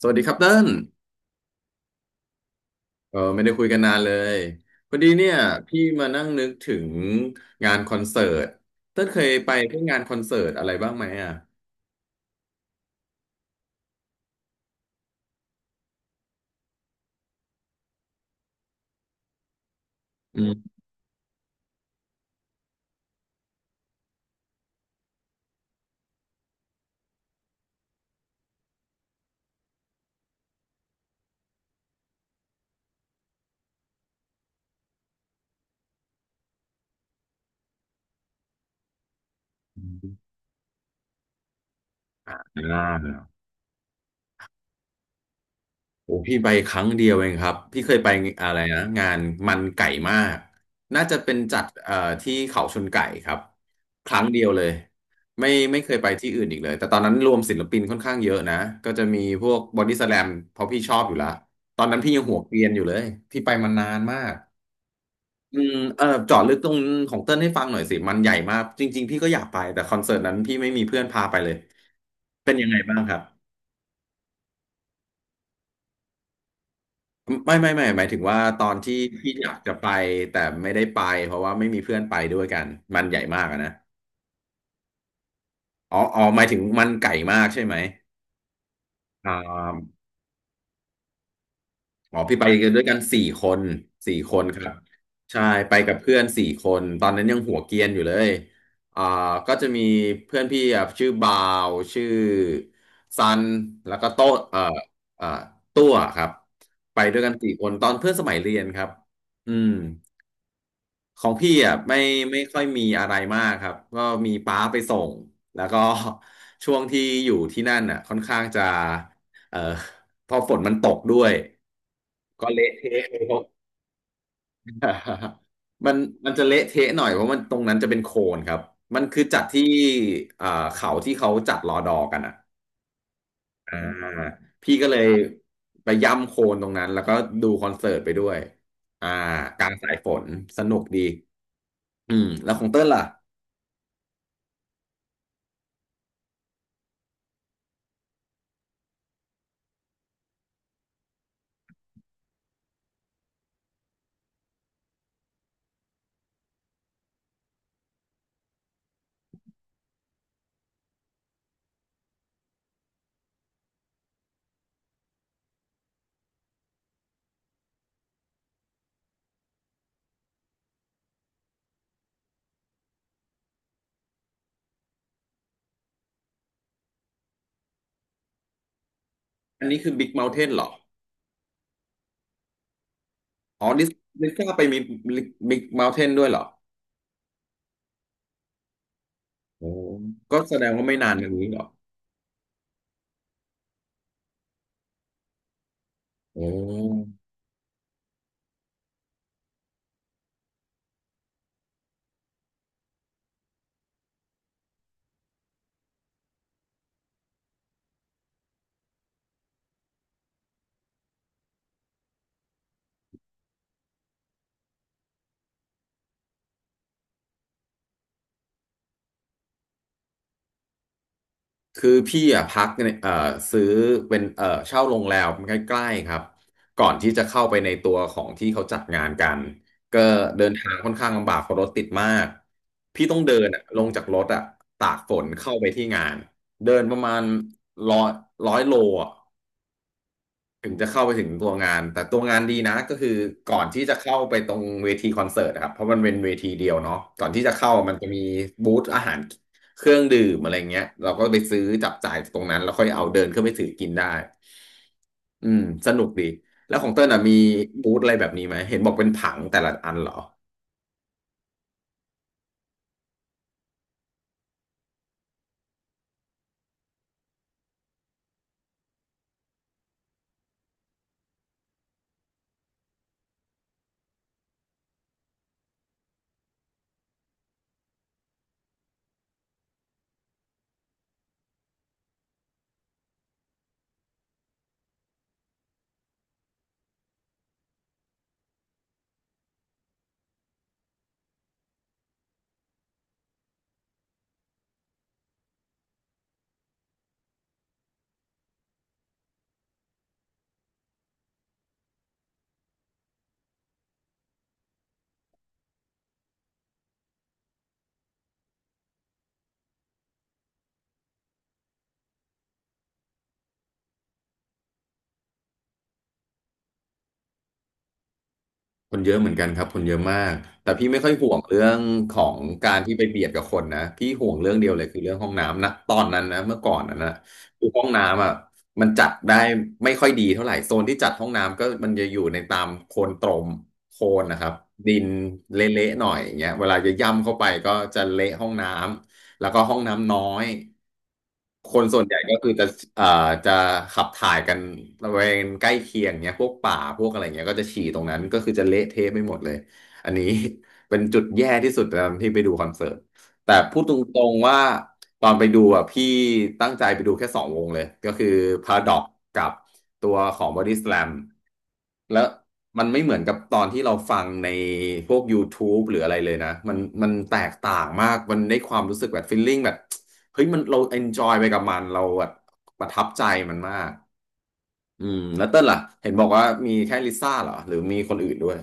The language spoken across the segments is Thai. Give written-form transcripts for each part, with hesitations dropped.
สวัสดีครับเติ้ลเออไม่ได้คุยกันนานเลยพอดีเนี่ยพี่มานั่งนึกถึงงานคอนเสิร์ตเติ้ลเคยไปพวกงานคอนเสิร์ตอะไรบ้างไหมอ่ะอืมอ่า โอ้พี่ไปครั้งเดียวเองครับพี่เคยไปอะไรนะงานมันไก่มากน่าจะเป็นจัดที่เขาชนไก่ครับครั้งเดียวเลยไม่เคยไปที่อื่นอีกเลยแต่ตอนนั้นรวมศิลปินค่อนข้างเยอะนะก็จะมีพวกบอดี้สแลมเพราะพี่ชอบอยู่แล้วตอนนั้นพี่ยังหัวเกรียนอยู่เลยพี่ไปมานานมากเออเจาะลึกตรงของเติ้ลให้ฟังหน่อยสิมันใหญ่มากจริงๆพี่ก็อยากไปแต่คอนเสิร์ตนั้นพี่ไม่มีเพื่อนพาไปเลยเป็นยังไงบ้างครับ ไม่หมายถึงว่าตอนที่พี่อยากจะไปแต่ไม่ได้ไปเพราะว่าไม่มีเพื่อนไปด้วยกันมันใหญ่มากอะนะอ๋ออ๋อหมายถึงมันไก่มากใช่ไหมอ่าอ๋อพี่ไปกันด้วยกันสี่คน4 คนครับใช่ไปกับเพื่อนสี่คนตอนนั้นยังหัวเกรียนอยู่เลยอ่าก็จะมีเพื่อนพี่อ่ะชื่อบาวชื่อซันแล้วก็โต้เอ่อเอ่อตัวครับไปด้วยกันสี่คนตอนเพื่อนสมัยเรียนครับอืม ของพี่อ่ะไม่ค่อยมีอะไรมากครับก็มีป้าไปส่งแล้วก็ ช่วงที่อยู่ที่นั่นอ่ะค่อนข้างจะเอ่อพอฝนมันตกด้วยก็เละเทะเลยครับ มันมันจะเละเทะหน่อยเพราะมันตรงนั้นจะเป็นโคลนครับมันคือจัดที่เอ่อเขาที่เขาจัดรอดอกันอ่ะอ่าพี่ก็เลยไปย่ำโคลนตรงนั้นแล้วก็ดูคอนเสิร์ตไปด้วยอ่ากลางสายฝนสนุกดีอืมแล้วของเต้นล่ะ อันนี้คือบิ๊กเม n t ์เทนเหรอ อ๋อดิสดิสก้าไปมีบิ๊กเม n t ์เทนด้วยเหรอโอ้ก็แสดงว่าไม่นานมานี้เหรอโอ้คือพี่อ่ะพักเนี่ยซื้อเป็นเช่าโรงแรมใกล้ๆครับ ก่อนที่จะเข้าไปในตัวของที่เขาจัดงานกันก็เดินทางค่อนข้างลำบากเพราะรถติดมาก พี่ต้องเดินอะลงจากรถอ่ะตากฝนเข้าไปที่งานเดินประมาณร้อยร้อยโลอ่ะ ถึงจะเข้าไปถึงตัวงานแต่ตัวงานดีนะก็คือก่อนที่จะเข้าไปตรงเวทีคอนเสิร์ตนะครับเพราะมันเป็นเวทีเดียวเนาะก่อนที่จะเข้ามันจะมีบูธอาหารเครื่องดื่มอะไรเงี้ยเราก็ไปซื้อจับจ่ายตรงนั้นแล้วค่อยเอาเดินขึ้นไปถือกินได้อืมสนุกดีแล้วของเต้ลอ่ะมีบูธอะไรแบบนี้ไหมเห็นบอกเป็นผังแต่ละอันเหรอ คนเยอะเหมือนกันครับคนเยอะมากแต่พี่ไม่ค่อยห่วงเรื่องของการที่ไปเบียดกับคนนะพี่ห่วงเรื่องเดียวเลยคือเรื่องห้องน้ำนะตอนนั้นนะเมื่อก่อนนั้นนะคือห้องน้ำอ่ะมันจัดได้ไม่ค่อยดีเท่าไหร่โซนที่จัดห้องน้ำก็มันจะอยู่ในตามโคลนตรมโคลนนะครับดินเละๆหน่อยอย่างเงี้ยเวลาจะย่ำเข้าไปก็จะเละห้องน้ำแล้วก็ห้องน้ำน้อย คนส่วนใหญ่ก็คือจะเอ่อจะขับถ่ายกันบริเวณใกล้เคียงเนี้ยพวกป่า พวกอะไรเงี้ยก็จะฉี่ตรงนั้น ก็คือจะเละเทะไปหมดเลย อันนี้ เป็นจุดแย่ที่สุดตอนที่ไปดูคอนเสิร์ต แต่พูดตรงๆว่าตอนไปดูอ่ะพี่ตั้งใจไปดูแค่2 วงเลย ก็คือ Paradox กับตัวของ Body Slam แล้วมันไม่เหมือนกับตอนที่เราฟังในพวก YouTube หรืออะไรเลยนะ มันแตกต่างมาก มันได้ความรู้สึกแบบฟีลลิ่งแบบ เฮ้ยมันเราเอนจอยไปกับมันเราแบบประทับใจมันมากอืมแล้วเต้นล่ะเห็นบอกว่ามีแค่ลิซ่าเหรอหรือมีคนอื่นด้วย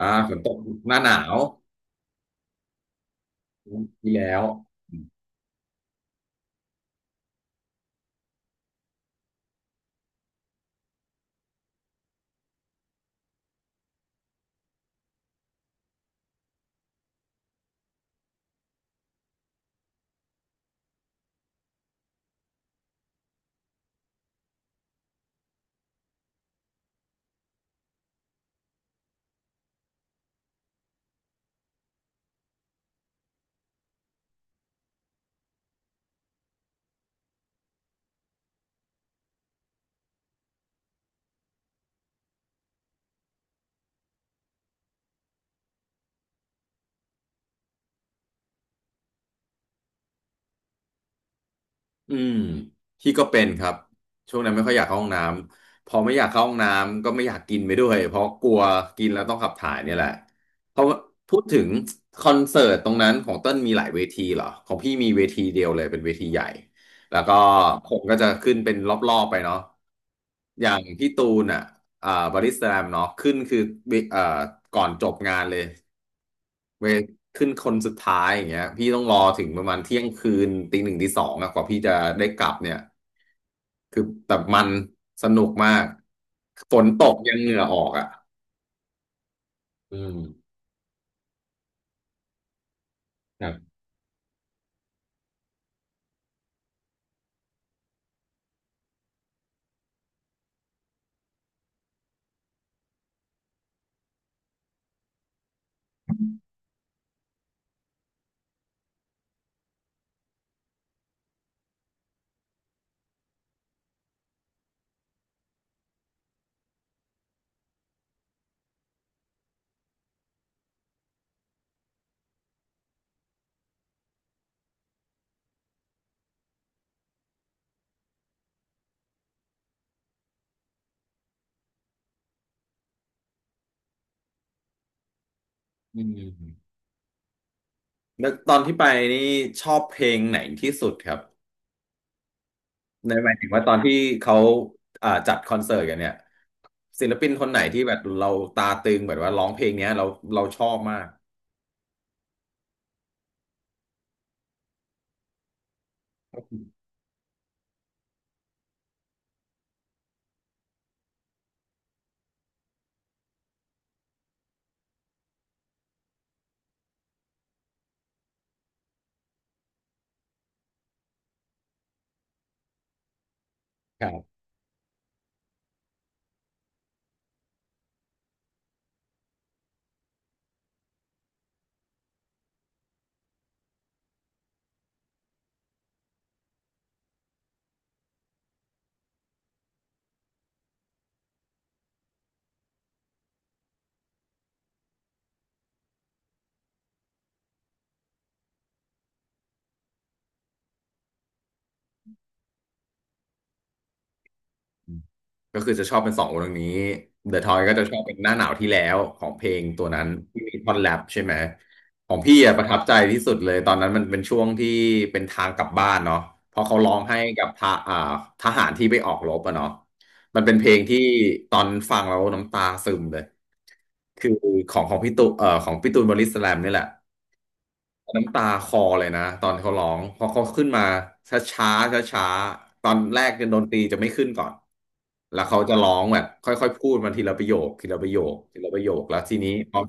อ่าฝนตกหน้าหนาวที่แล้ว อืมพี่ก็เป็นครับช่วงนั้นไม่ค่อยอยากเข้าห้องน้ำพอไม่อยากเข้าห้องน้ำก็ไม่อยากกินไปด้วยเพราะกลัวกินแล้วต้องขับถ่ายเนี่ยแหละเพราะว่าพูดถึงคอนเสิร์ตตรงนั้นของเต้นมีหลายเวทีเหรอของพี่มีเวทีเดียวเลยเป็นเวทีใหญ่แล้วก็คนก็จะขึ้นเป็นรอบๆไปเนาะอย่างพี่ตูนอ่ะอ่าบอดี้สแลมเนาะขึ้นคือเอ่าก่อนจบงานเลย เวขึ้นคนสุดท้ายอย่างเงี้ยพี่ต้องรอถึงประมาณเที่ยงคืนตีหนึ่งตีสองอะกว่าพี่จะได้กลับเนี่ยคือแต่มันสนุกมากฝนตกยังเหงื่อออกอ่ะอืมครับอืมแล้วตอนที่ไปนี่ชอบเพลงไหนที่สุดครับในหมายถึงว่าตอนที่เขาจัดคอนเสิร์ตกันเนี่ยศิลปินคนไหนที่แบบเราตาตึงแบบว่าร้องเพลงเนี้ยเราชอบมากครับ ก็คือจะชอบเป็นสองวงนี้ The Toy ก็จะชอบเป็นหน้าหนาวที่แล้วของเพลงตัวนั้นที่มีท่อนแรปใช่ไหมของพี่อะประทับใจที่สุดเลยตอนนั้นมันเป็นช่วงที่เป็นทางกลับบ้านเนาะเพราะเขาร้องให้กับทหาทหารที่ไปออกรบอะเนาะมันเป็นเพลงที่ตอนฟังแล้วน้ำตาซึมเลยคือของพี่ตูของพี่ตูนบอดี้สแลมนี่แหละ น้ำตาคลอเลยนะตอนเขาร้องเพอเขาขึ้นมาช้าช้าช้าช้าๆตอนแรกเนี่ยดนตรีจะไม่ขึ้นก่อนแล้วเขาจะร้องแบบค่อยๆพูดมาทีละประโยคทีละประโยคทีละประโยคแล้วทีนี้พอ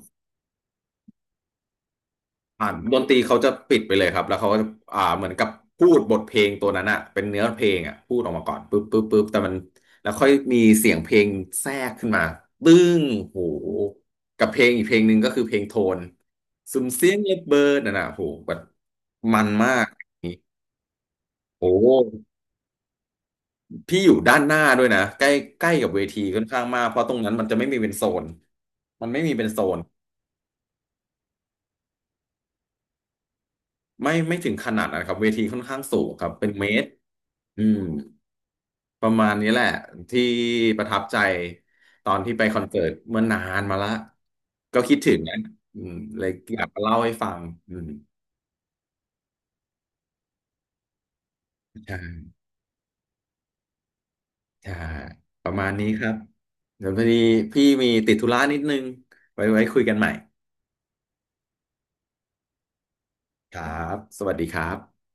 อ่านดนตรีเขาจะปิดไปเลยครับแล้วเขาก็จะเหมือนกับพูดบทเพลงตัวนั้นอะเป็นเนื้อเพลงอะพูดออกมาก่อนปึ๊บปึ๊บปึ๊บแต่มันแล้วค่อยมีเสียงเพลงแทรกขึ้นมาตึ้งโหกับเพลงอีกเพลงหนึ่งก็คือเพลงโทนซุมเสียงเล็บเบิร์ดน่ะนะโหแบบมันมาก โอ้พี่อยู่ด้านหน้าด้วยนะใกล้ใกล้กับเวทีค่อนข้างมากเพราะตรงนั้นมันจะไม่มีเป็นโซนมันไม่มีเป็นโซนไม่ถึงขนาดนะครับเวทีค่อนข้างสูงครับเป็นเมตรอืมประมาณนี้แหละที่ประทับใจตอนที่ไปคอนเสิร์ตเมื่อนานมาละก็คิดถึงนะอืมเลยอยากมาเล่าให้ฟังอืมใช่ใช่ประมาณนี้ครับเดี๋ยวพอดีพี่มีติดธุระนิดนึงไว้คุยกันใหม่ครับสวัสดีครับ